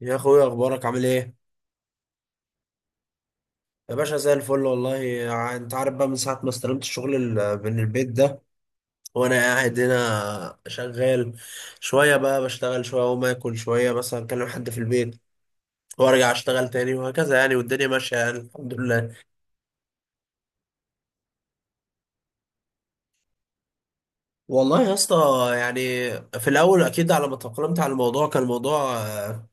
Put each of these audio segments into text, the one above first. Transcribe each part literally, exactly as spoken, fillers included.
يا اخويا اخبارك عامل ايه؟ يا باشا زي الفل والله ع- انت عارف بقى من ساعه ما استلمت الشغل ال- من البيت ده، وانا قاعد هنا شغال. شويه بقى بشتغل شويه اقوم اكل شويه مثلا اكلم حد في البيت، وارجع اشتغل تاني وهكذا يعني، والدنيا ماشيه يعني الحمد لله. والله يا اسطى يعني في الاول اكيد على ما تأقلمت على الموضوع كان الموضوع آه،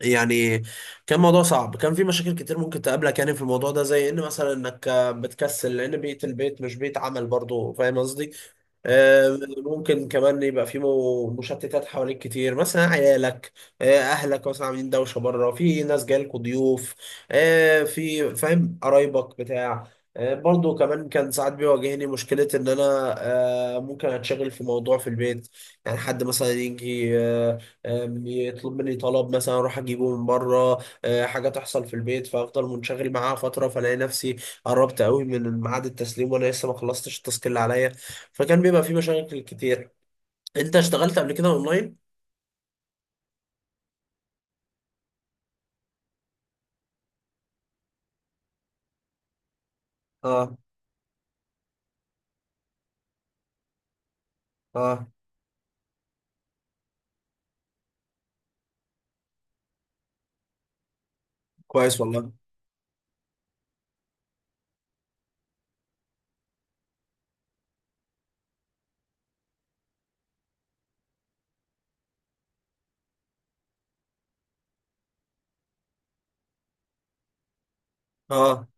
يعني كان موضوع صعب، كان في مشاكل كتير ممكن تقابلك يعني في الموضوع ده، زي ان مثلا انك آه، بتكسل لان بيئه البيت مش بيئه عمل، برضو فاهم قصدي. آه، ممكن كمان يبقى في مو- مشتتات حواليك كتير، مثلا عيالك، آه، اهلك مثلا عاملين دوشه بره، في ناس جايلكوا ضيوف، آه، في فاهم قرايبك بتاع. آه، برضو كمان كان ساعات بيواجهني مشكله ان انا آه، ممكن اتشغل في موضوع في البيت، يعني حد مثلا يجي آه، آه، يطلب مني طلب مثلا اروح اجيبه من بره، آه، حاجه تحصل في البيت فافضل منشغل معاها فتره فلاقي نفسي قربت قوي من ميعاد التسليم وانا لسه ما خلصتش التاسك اللي عليا، فكان بيبقى فيه مشاكل كتير. انت اشتغلت قبل كده اونلاين؟ اه. اه. كويس والله. اه،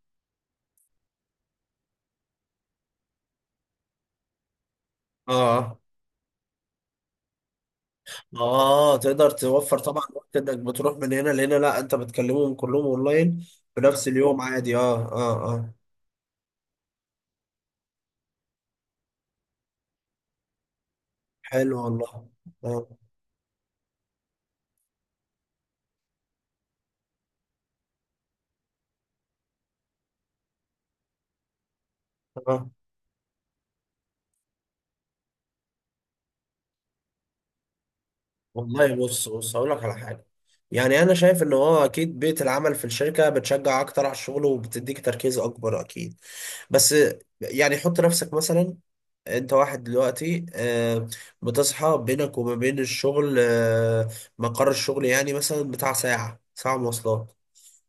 اه، اه، تقدر توفر طبعا وقت انك بتروح من هنا لهنا، لا انت بتكلمهم كلهم اونلاين بنفس اليوم عادي. اه، اه، اه، حلو والله. آه. اه والله بص بص هقول لك على حاجه. يعني انا شايف ان هو اكيد بيئه العمل في الشركه بتشجع اكتر على الشغل وبتديك تركيز اكبر اكيد، بس يعني حط نفسك مثلا، انت واحد دلوقتي آه، بتصحى بينك وما بين الشغل، آه، مقر الشغل، يعني مثلا بتاع ساعة، ساعة مواصلات،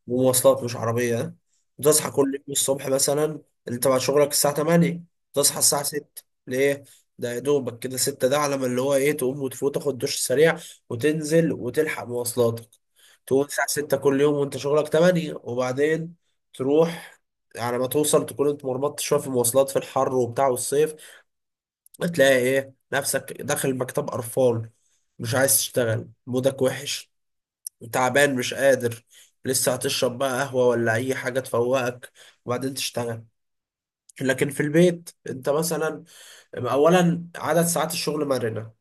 ومواصلات مش عربية، ها؟ بتصحى كل يوم الصبح مثلا انت تبع شغلك الساعة تمانية، تصحى الساعة ستة. ليه؟ ده يا دوبك كده ستة، ده على ما اللي هو ايه تقوم وتفوت تاخد دش سريع وتنزل وتلحق مواصلاتك. تقوم الساعة ستة كل يوم وانت شغلك تمانية، وبعدين تروح، على ما توصل تكون انت مرمطت شوية في المواصلات في الحر وبتاع والصيف، هتلاقي ايه نفسك داخل مكتب قرفان، مش عايز تشتغل، مودك وحش، تعبان مش قادر، لسه هتشرب بقى قهوة ولا أي حاجة تفوقك، وبعدين تشتغل. لكن في البيت أنت مثلا أولا عدد ساعات الشغل مرنة،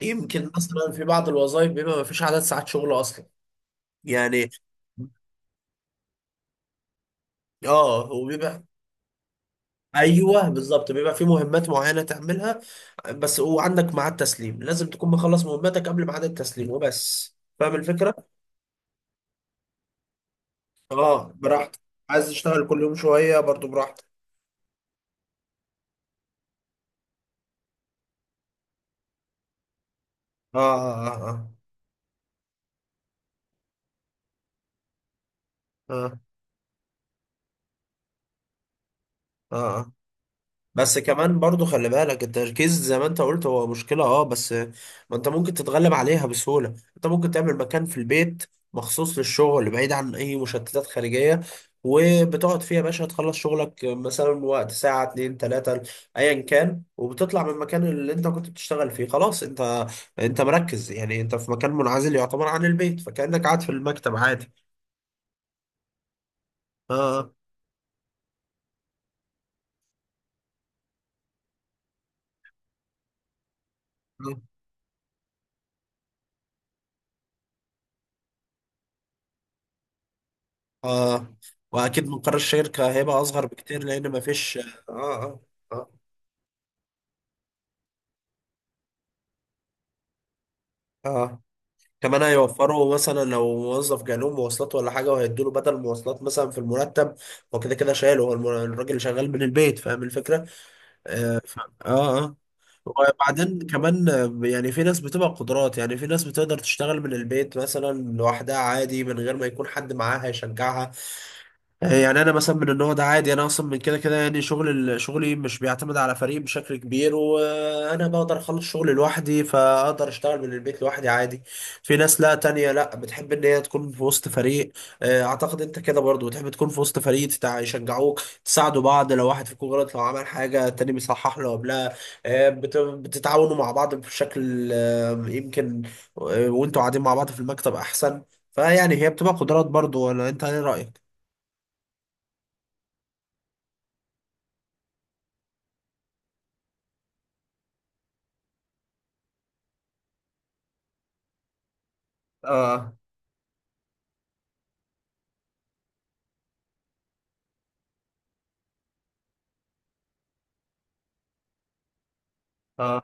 يمكن مثلا في بعض الوظائف بيبقى مفيش عدد ساعات شغل أصلا يعني. اه، وبيبقى، ايوه بالظبط، بيبقى في مهمات معينه تعملها بس، وعندك ميعاد تسليم لازم تكون مخلص مهمتك قبل ميعاد التسليم وبس، فاهم الفكره. اه براحتك، عايز تشتغل كل يوم شوية برضو براحتك. اه، اه، اه. اه، اه، اه. آه. بس كمان برضو خلي بالك التركيز زي ما انت قلت هو مشكلة، اه، بس ما، انت ممكن تتغلب عليها بسهولة، انت ممكن تعمل مكان في البيت مخصوص للشغل بعيد عن اي مشتتات خارجية، وبتقعد فيها يا باشا تخلص شغلك مثلا وقت ساعة، اتنين، تلاتة، ايا كان، وبتطلع من المكان اللي انت كنت بتشتغل فيه خلاص، انت انت مركز، يعني انت في مكان منعزل يعتبر عن البيت، فكأنك قاعد في المكتب عادي. اه، اه، آه. واكيد مقر الشركه هيبقى اصغر بكتير لان مفيش، اه، اه، اه، اه، كمان هيوفروا مثلا لو موظف جاله مواصلات ولا حاجه وهيدوا له بدل مواصلات مثلا في المرتب، هو كده كده شايله، هو المر- الراجل شغال من البيت، فاهم الفكره؟ اه، اه، وبعدين كمان آه، يعني في ناس بتبقى قدرات، يعني في ناس بتقدر تشتغل من البيت مثلا لوحدها عادي من غير ما يكون حد معاها يشجعها، آه، يعني انا مثلا من النوع ده عادي، انا اصلا من كده كده يعني شغل ال- شغلي مش بيعتمد على فريق بشكل كبير، وانا بقدر اخلص شغلي لوحدي، فاقدر اشتغل من البيت لوحدي عادي. في ناس لا تانية لا بتحب ان هي تكون في وسط فريق، آه، اعتقد انت كده برضو بتحب تكون في وسط فريق، تتع- يشجعوك، تساعدوا بعض لو واحد فيكم غلط، لو عمل حاجة التاني بيصحح له قبلها، آه، بت- بتتعاونوا مع بعض بشكل آه، يمكن، آه، وانتوا قاعدين مع بعض في المكتب احسن، فيعني هي بتبقى قدرات برضو، ولا انت ايه رأيك؟ اه، اه،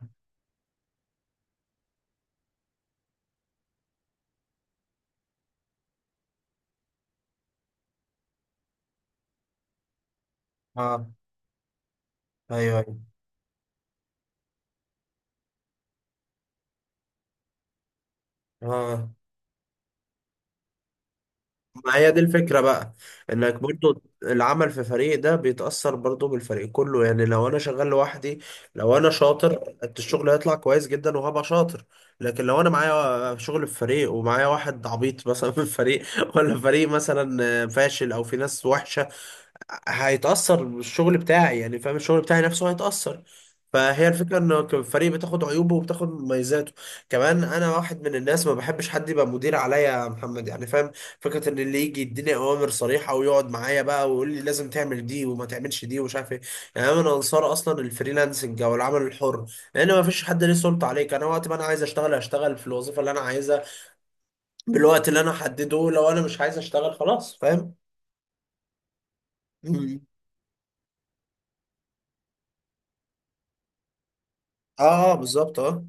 اه. ايوه، ايوه. اه، ما هي دي الفكرة بقى، انك برضو العمل في فريق ده بيتأثر برضو بالفريق كله، يعني لو انا شغال لوحدي لو انا شاطر، الشغل هيطلع كويس جدا وهبقى شاطر، لكن لو انا معايا شغل في فريق ومعايا واحد عبيط مثلا في الفريق ولا فريق مثلا فاشل او في ناس وحشة، هيتأثر بالشغل بتاعي، يعني فاهم الشغل بتاعي نفسه هيتأثر، فهي الفكرة ان الفريق بتاخد عيوبه وبتاخد مميزاته. كمان انا واحد من الناس ما بحبش حد يبقى مدير عليا يا محمد، يعني فاهم فكرة ان اللي يجي يديني اوامر صريحة ويقعد معايا بقى ويقول لي لازم تعمل دي وما تعملش دي ومش عارف ايه، يعني انا من انصار اصلا الفريلانسنج او العمل الحر، لان ما فيش حد ليه سلطة عليك، انا وقت ما انا عايز اشتغل هشتغل في الوظيفة اللي انا عايزها بالوقت اللي انا حدده، لو انا مش عايز اشتغل خلاص فاهم. مم. اه، آه، بالظبط، اه.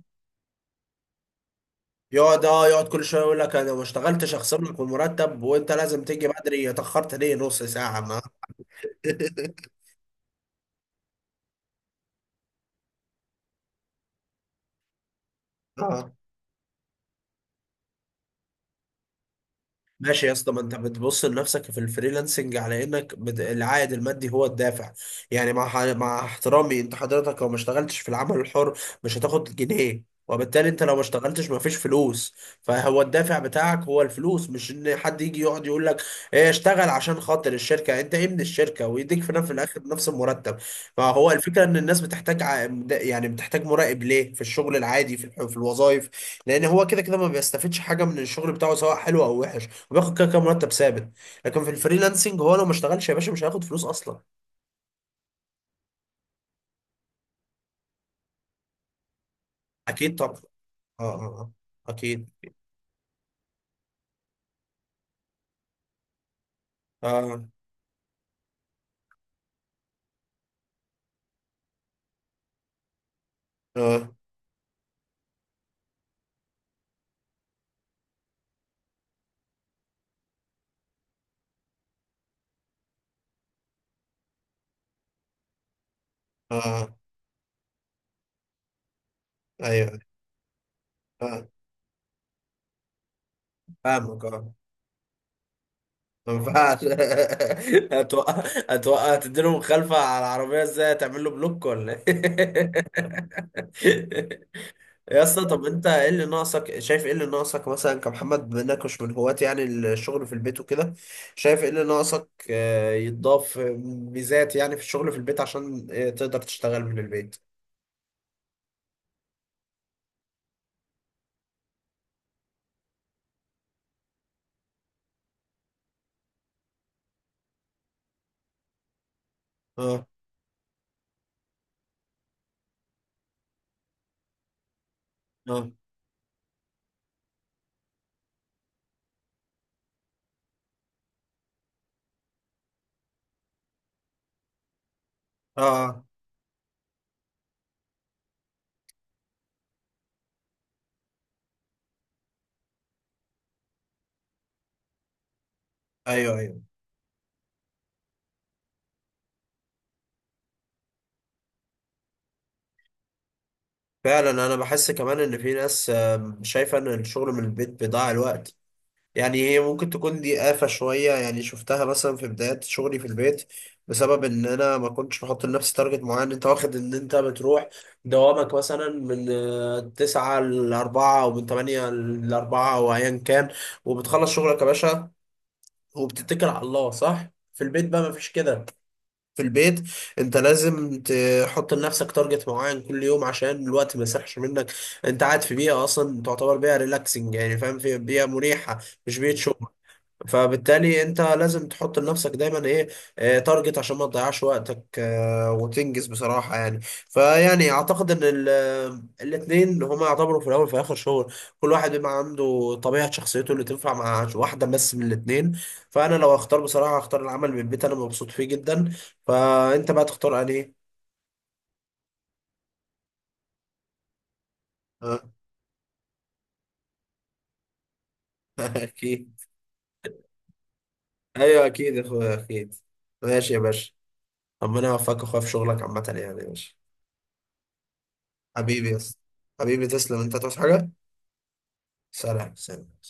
يقعد، اه، يقعد كل شويه يقول لك انا ما اشتغلتش، اخصم لك المرتب، وانت لازم تيجي بدري، اتاخرت ليه نص ساعه. ما ماشي يا اسطى، ما انت بتبص لنفسك في الفريلانسنج على انك بد... العائد المادي هو الدافع، يعني مع ح... مع احترامي انت حضرتك لو ما اشتغلتش في العمل الحر مش هتاخد جنيه، وبالتالي انت لو ما اشتغلتش ما فيش فلوس، فهو الدافع بتاعك هو الفلوس، مش ان حد يجي يقعد يقول لك ايه اشتغل عشان خاطر الشركه، انت ايه من الشركه، ويديك في نفس في الاخر نفس المرتب، فهو الفكره ان الناس بتحتاج ع... يعني بتحتاج مراقب ليه في الشغل العادي في الح... في الوظائف، لان هو كده كده ما بيستفادش حاجه من الشغل بتاعه سواء حلو او وحش، وبياخد كده كده مرتب ثابت، لكن في الفريلانسنج هو لو ما اشتغلش يا باشا مش هياخد فلوس اصلا. اكيد طبعا. اه، اه، آه. اكيد. اه، اه، اه. ايوه، أيوه. اه، فاهمك، اه، ما ينفعش هتوقع، هتوقع تديله مخالفة على العربية، ازاي هتعمل له بلوك ولا ايه؟ يا اسطى، طب انت ايه اللي ناقصك، شايف ايه اللي ناقصك مثلا كمحمد، بما انك مش من هواة يعني الشغل في البيت وكده، شايف ايه اللي ناقصك آه، يتضاف ميزات يعني في الشغل في البيت، عشان آه، تقدر تشتغل من البيت. اه، اه، اه. ايوه، ايوه. فعلا انا بحس كمان ان في ناس آه، شايفه ان الشغل من البيت بيضيع الوقت، يعني هي ممكن تكون دي آفة شوية، يعني شفتها مثلا في بداية شغلي في البيت بسبب إن أنا ما كنتش بحط لنفسي تارجت معين، أنت واخد إن أنت بتروح دوامك مثلا من آه، تسعة لأربعة أو من تمانية لأربعة أو أيا كان، وبتخلص شغلك يا باشا وبتتكل على الله صح؟ في البيت بقى مفيش كده، في البيت انت لازم تحط لنفسك تارجت معين كل يوم عشان الوقت ما يسرحش منك، انت قاعد في بيئه اصلا تعتبر بيئه ريلاكسنج، يعني فاهم في بيئه مريحه، مش بيئه شغل، فبالتالي انت لازم تحط لنفسك دايما ايه، آه، تارجت عشان ما تضيعش وقتك، آه، وتنجز بصراحة، يعني فيعني اعتقد ان ال- آه، الاتنين هما يعتبروا في الاول وفي الاخر شغل، كل واحد بيبقى عنده طبيعة شخصيته اللي تنفع مع واحدة بس من الاتنين، فانا لو هختار بصراحة هختار العمل من البيت، انا مبسوط فيه جدا، فانت بقى تختار انهي. آه، اكيد. ايوه اكيد يا اخويا اكيد. ماشي يا باشا. ربنا يوفقك يا اخويا في شغلك عامة يعني يا باشا. حبيبي يا اسطى. حبيبي تسلم، انت هتعوز حاجة. سلام، سلام.